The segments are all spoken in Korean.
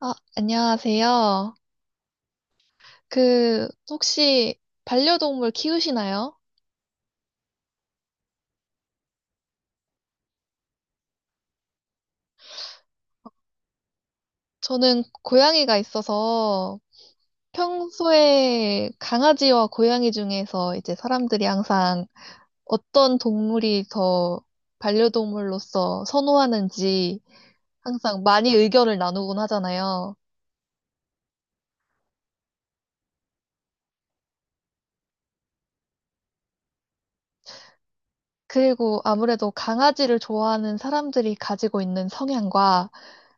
아, 안녕하세요. 그, 혹시 반려동물 키우시나요? 저는 고양이가 있어서 평소에 강아지와 고양이 중에서 이제 사람들이 항상 어떤 동물이 더 반려동물로서 선호하는지 항상 많이 의견을 나누곤 하잖아요. 그리고 아무래도 강아지를 좋아하는 사람들이 가지고 있는 성향과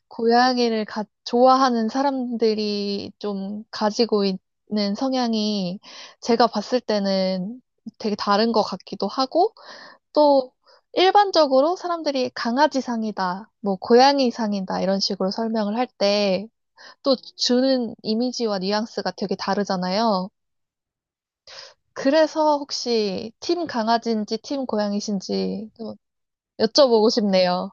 고양이를 좋아하는 사람들이 좀 가지고 있는 성향이 제가 봤을 때는 되게 다른 것 같기도 하고, 또 일반적으로 사람들이 강아지상이다, 뭐 고양이상이다, 이런 식으로 설명을 할 때, 또 주는 이미지와 뉘앙스가 되게 다르잖아요. 그래서 혹시 팀 강아지인지 팀 고양이신지 또 여쭤보고 싶네요.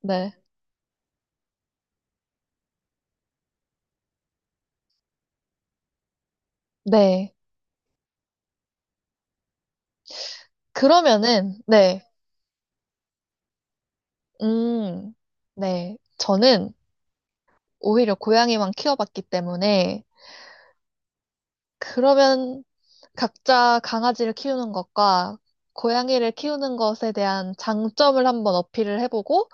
네. 네. 그러면은, 네. 음, 네. 저는 오히려 고양이만 키워봤기 때문에 그러면 각자 강아지를 키우는 것과 고양이를 키우는 것에 대한 장점을 한번 어필을 해보고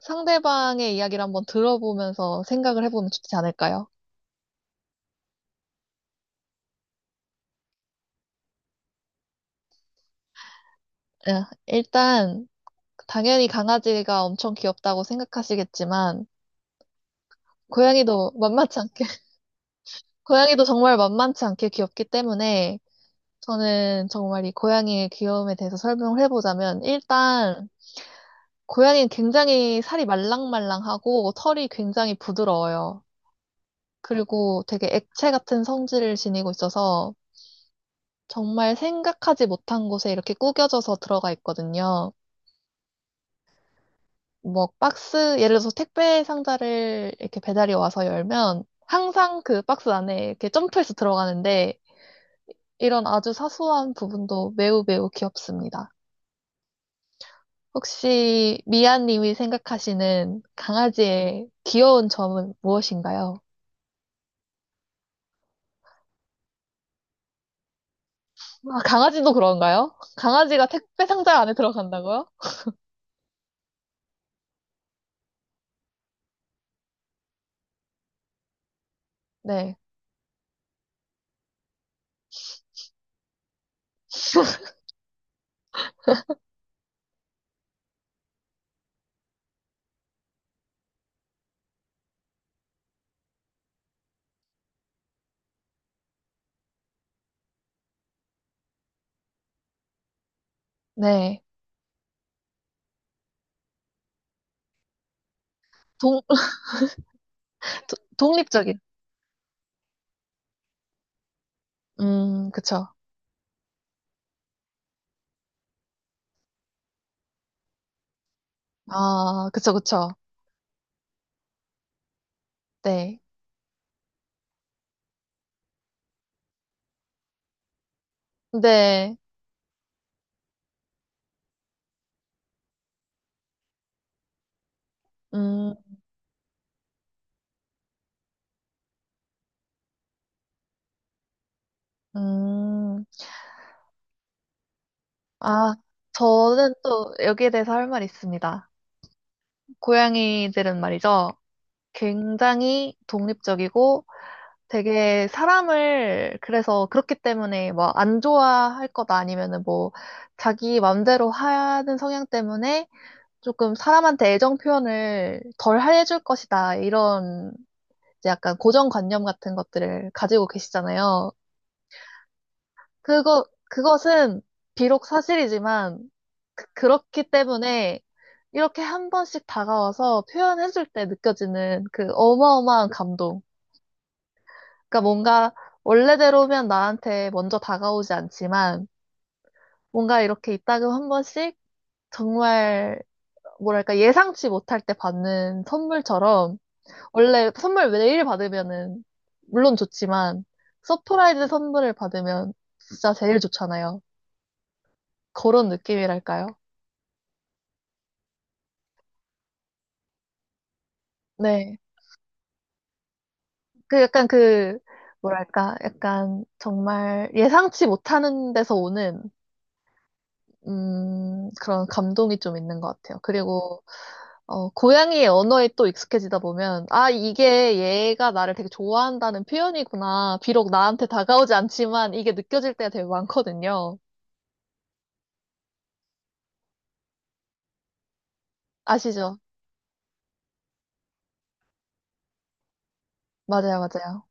상대방의 이야기를 한번 들어보면서 생각을 해보면 좋지 않을까요? 예, 일단 당연히 강아지가 엄청 귀엽다고 생각하시겠지만 고양이도 만만치 않게 고양이도 정말 만만치 않게 귀엽기 때문에 저는 정말 이 고양이의 귀여움에 대해서 설명을 해보자면, 일단, 고양이는 굉장히 살이 말랑말랑하고 털이 굉장히 부드러워요. 그리고 되게 액체 같은 성질을 지니고 있어서 정말 생각하지 못한 곳에 이렇게 구겨져서 들어가 있거든요. 뭐 박스, 예를 들어서 택배 상자를 이렇게 배달이 와서 열면 항상 그 박스 안에 이렇게 점프해서 들어가는데 이런 아주 사소한 부분도 매우 매우 귀엽습니다. 혹시 미아님이 생각하시는 강아지의 귀여운 점은 무엇인가요? 아, 강아지도 그런가요? 강아지가 택배 상자 안에 들어간다고요? 네, 네. 동, 독립적인. 그쵸. 아, 그쵸, 그쵸. 네. 근데, 음, 음, 아, 저는 또 여기에 대해서 할 말이 있습니다. 고양이들은 말이죠. 굉장히 독립적이고 되게 사람을 그래서 그렇기 때문에 뭐 안 좋아할 거다 아니면은 뭐 자기 맘대로 하는 성향 때문에 조금 사람한테 애정 표현을 덜 해줄 것이다 이런 이제 약간 고정관념 같은 것들을 가지고 계시잖아요. 그거 그것은 비록 사실이지만 그, 그렇기 때문에 이렇게 한 번씩 다가와서 표현해줄 때 느껴지는 그 어마어마한 감동. 그러니까 뭔가 원래대로면 나한테 먼저 다가오지 않지만 뭔가 이렇게 이따금 한 번씩 정말 뭐랄까 예상치 못할 때 받는 선물처럼 원래 선물 매일 받으면은 물론 좋지만 서프라이즈 선물을 받으면 진짜 제일 좋잖아요. 그런 느낌이랄까요? 네. 그 약간 그 뭐랄까 약간 정말 예상치 못하는 데서 오는 그런 감동이 좀 있는 것 같아요. 그리고, 어, 고양이의 언어에 또 익숙해지다 보면, 아, 이게 얘가 나를 되게 좋아한다는 표현이구나. 비록 나한테 다가오지 않지만 이게 느껴질 때가 되게 많거든요. 아시죠? 맞아요, 맞아요.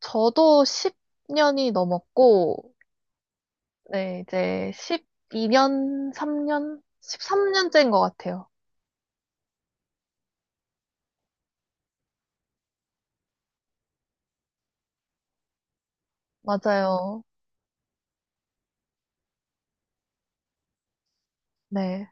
저도 10년이 넘었고, 네, 이제 12년, 3년? 13년째인 것 같아요. 맞아요. 네.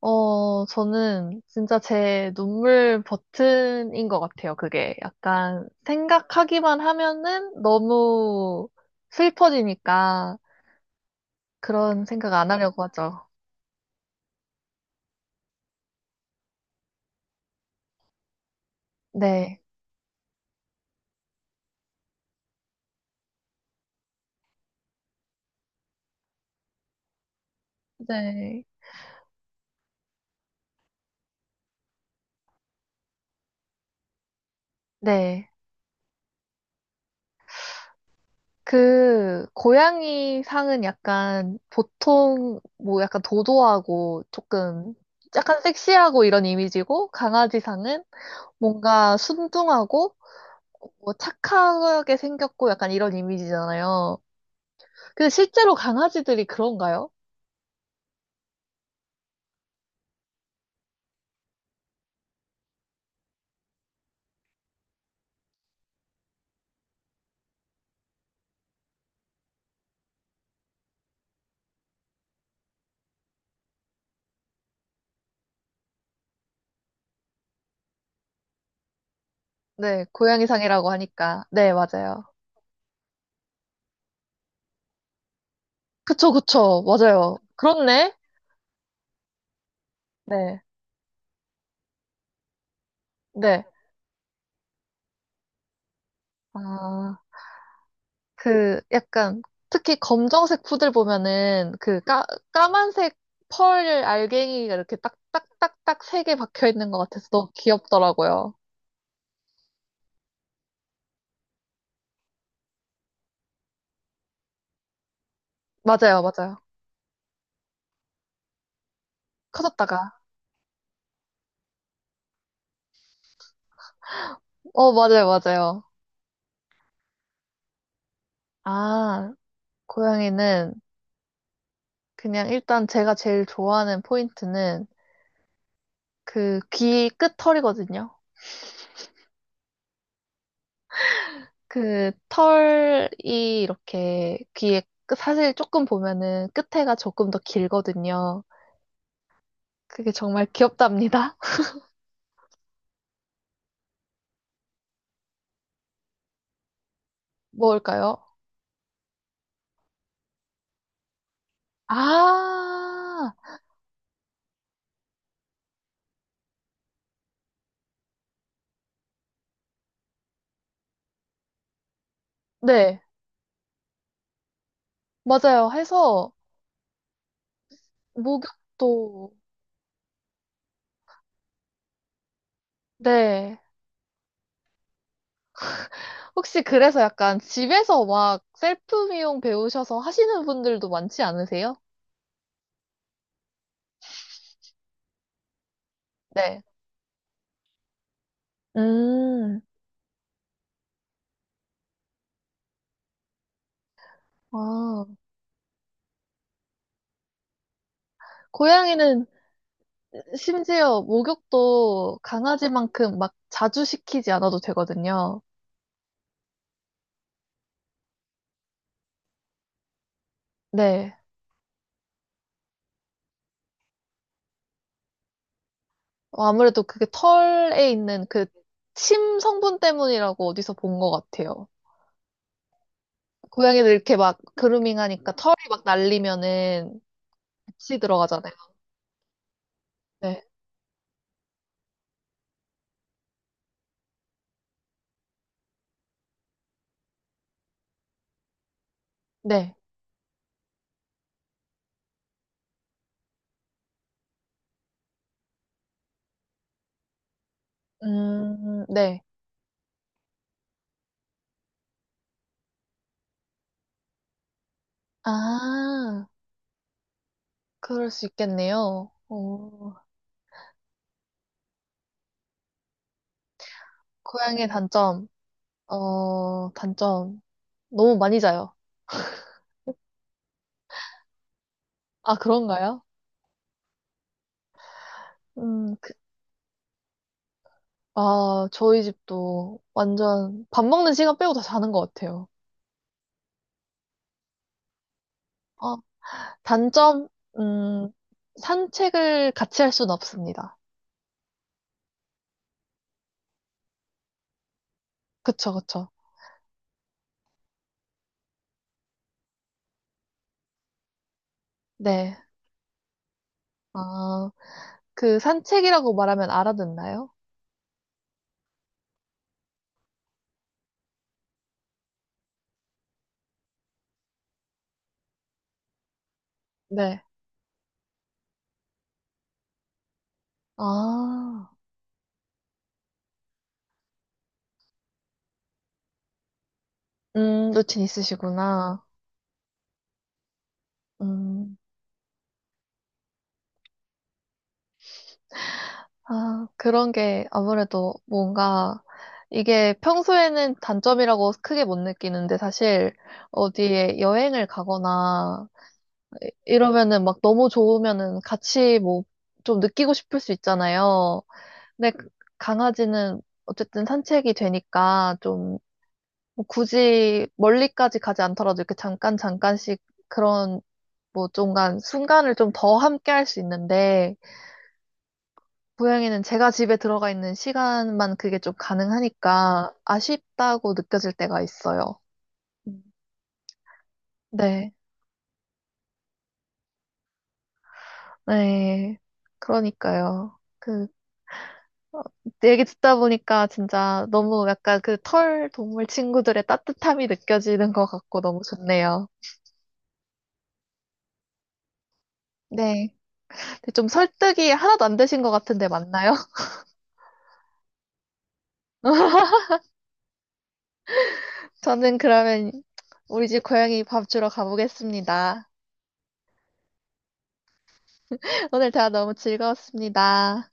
어, 저는 진짜 제 눈물 버튼인 것 같아요, 그게. 약간 생각하기만 하면은 너무 슬퍼지니까 그런 생각 안 하려고 하죠. 네. 네. 네. 그, 고양이 상은 약간 보통 뭐 약간 도도하고 조금 약간 섹시하고 이런 이미지고 강아지 상은 뭔가 순둥하고 뭐 착하게 생겼고 약간 이런 이미지잖아요. 그 실제로 강아지들이 그런가요? 네, 고양이상이라고 하니까. 네, 맞아요. 그쵸, 그쵸. 맞아요. 그렇네. 네, 네. 아, 그 약간 특히 검정색 푸들 보면은 그 까, 까만색 펄 알갱이가 이렇게 딱딱딱딱 세 개 박혀 있는 것 같아서 너무 귀엽더라고요. 맞아요, 맞아요. 커졌다가. 어, 맞아요, 맞아요. 아, 고양이는 그냥 일단 제가 제일 좋아하는 포인트는 그 귀 끝털이거든요. 그 털이 이렇게 귀에 사실 조금 보면은 끝에가 조금 더 길거든요. 그게 정말 귀엽답니다. 뭘까요? 아, 네, 맞아요. 해서 목욕도 네. 혹시 그래서 약간 집에서 막 셀프 미용 배우셔서 하시는 분들도 많지 않으세요? 네. 음. 아, 고양이는 심지어 목욕도 강아지만큼 막 자주 시키지 않아도 되거든요. 네. 어, 아무래도 그게 털에 있는 그 침 성분 때문이라고 어디서 본 것 같아요. 고양이들 이렇게 막 그루밍 하니까 털이 막 날리면은 같이 들어가잖아요. 네. 네. 네. 아, 그럴 수 있겠네요. 어, 고양이의 단점. 어, 단점. 너무 많이 자요. 아, 그런가요? 그, 아, 저희 집도 완전 밥 먹는 시간 빼고 다 자는 것 같아요. 아, 단점, 음, 산책을 같이 할 수는 없습니다. 그쵸, 그쵸. 네. 아, 그 산책이라고 말하면 알아듣나요? 네. 아, 루틴 있으시구나. 음, 아, 그런 게 아무래도 뭔가 이게 평소에는 단점이라고 크게 못 느끼는데 사실 어디에 여행을 가거나 이러면은 막 너무 좋으면은 같이 뭐 좀 느끼고 싶을 수 있잖아요. 근데 강아지는 어쨌든 산책이 되니까 좀뭐 굳이 멀리까지 가지 않더라도 이렇게 잠깐 잠깐씩 그런 뭐 중간 순간을 좀 더 함께 할 수 있는데 고양이는 제가 집에 들어가 있는 시간만 그게 좀 가능하니까 아쉽다고 느껴질 때가 있어요. 음. 네. 네. 그러니까요. 그 어, 얘기 듣다 보니까 진짜 너무 약간 그 털 동물 친구들의 따뜻함이 느껴지는 것 같고 너무 좋네요. 네. 좀 설득이 하나도 안 되신 것 같은데 맞나요? 저는 그러면 우리 집 고양이 밥 주러 가보겠습니다. 오늘 대화 너무 즐거웠습니다.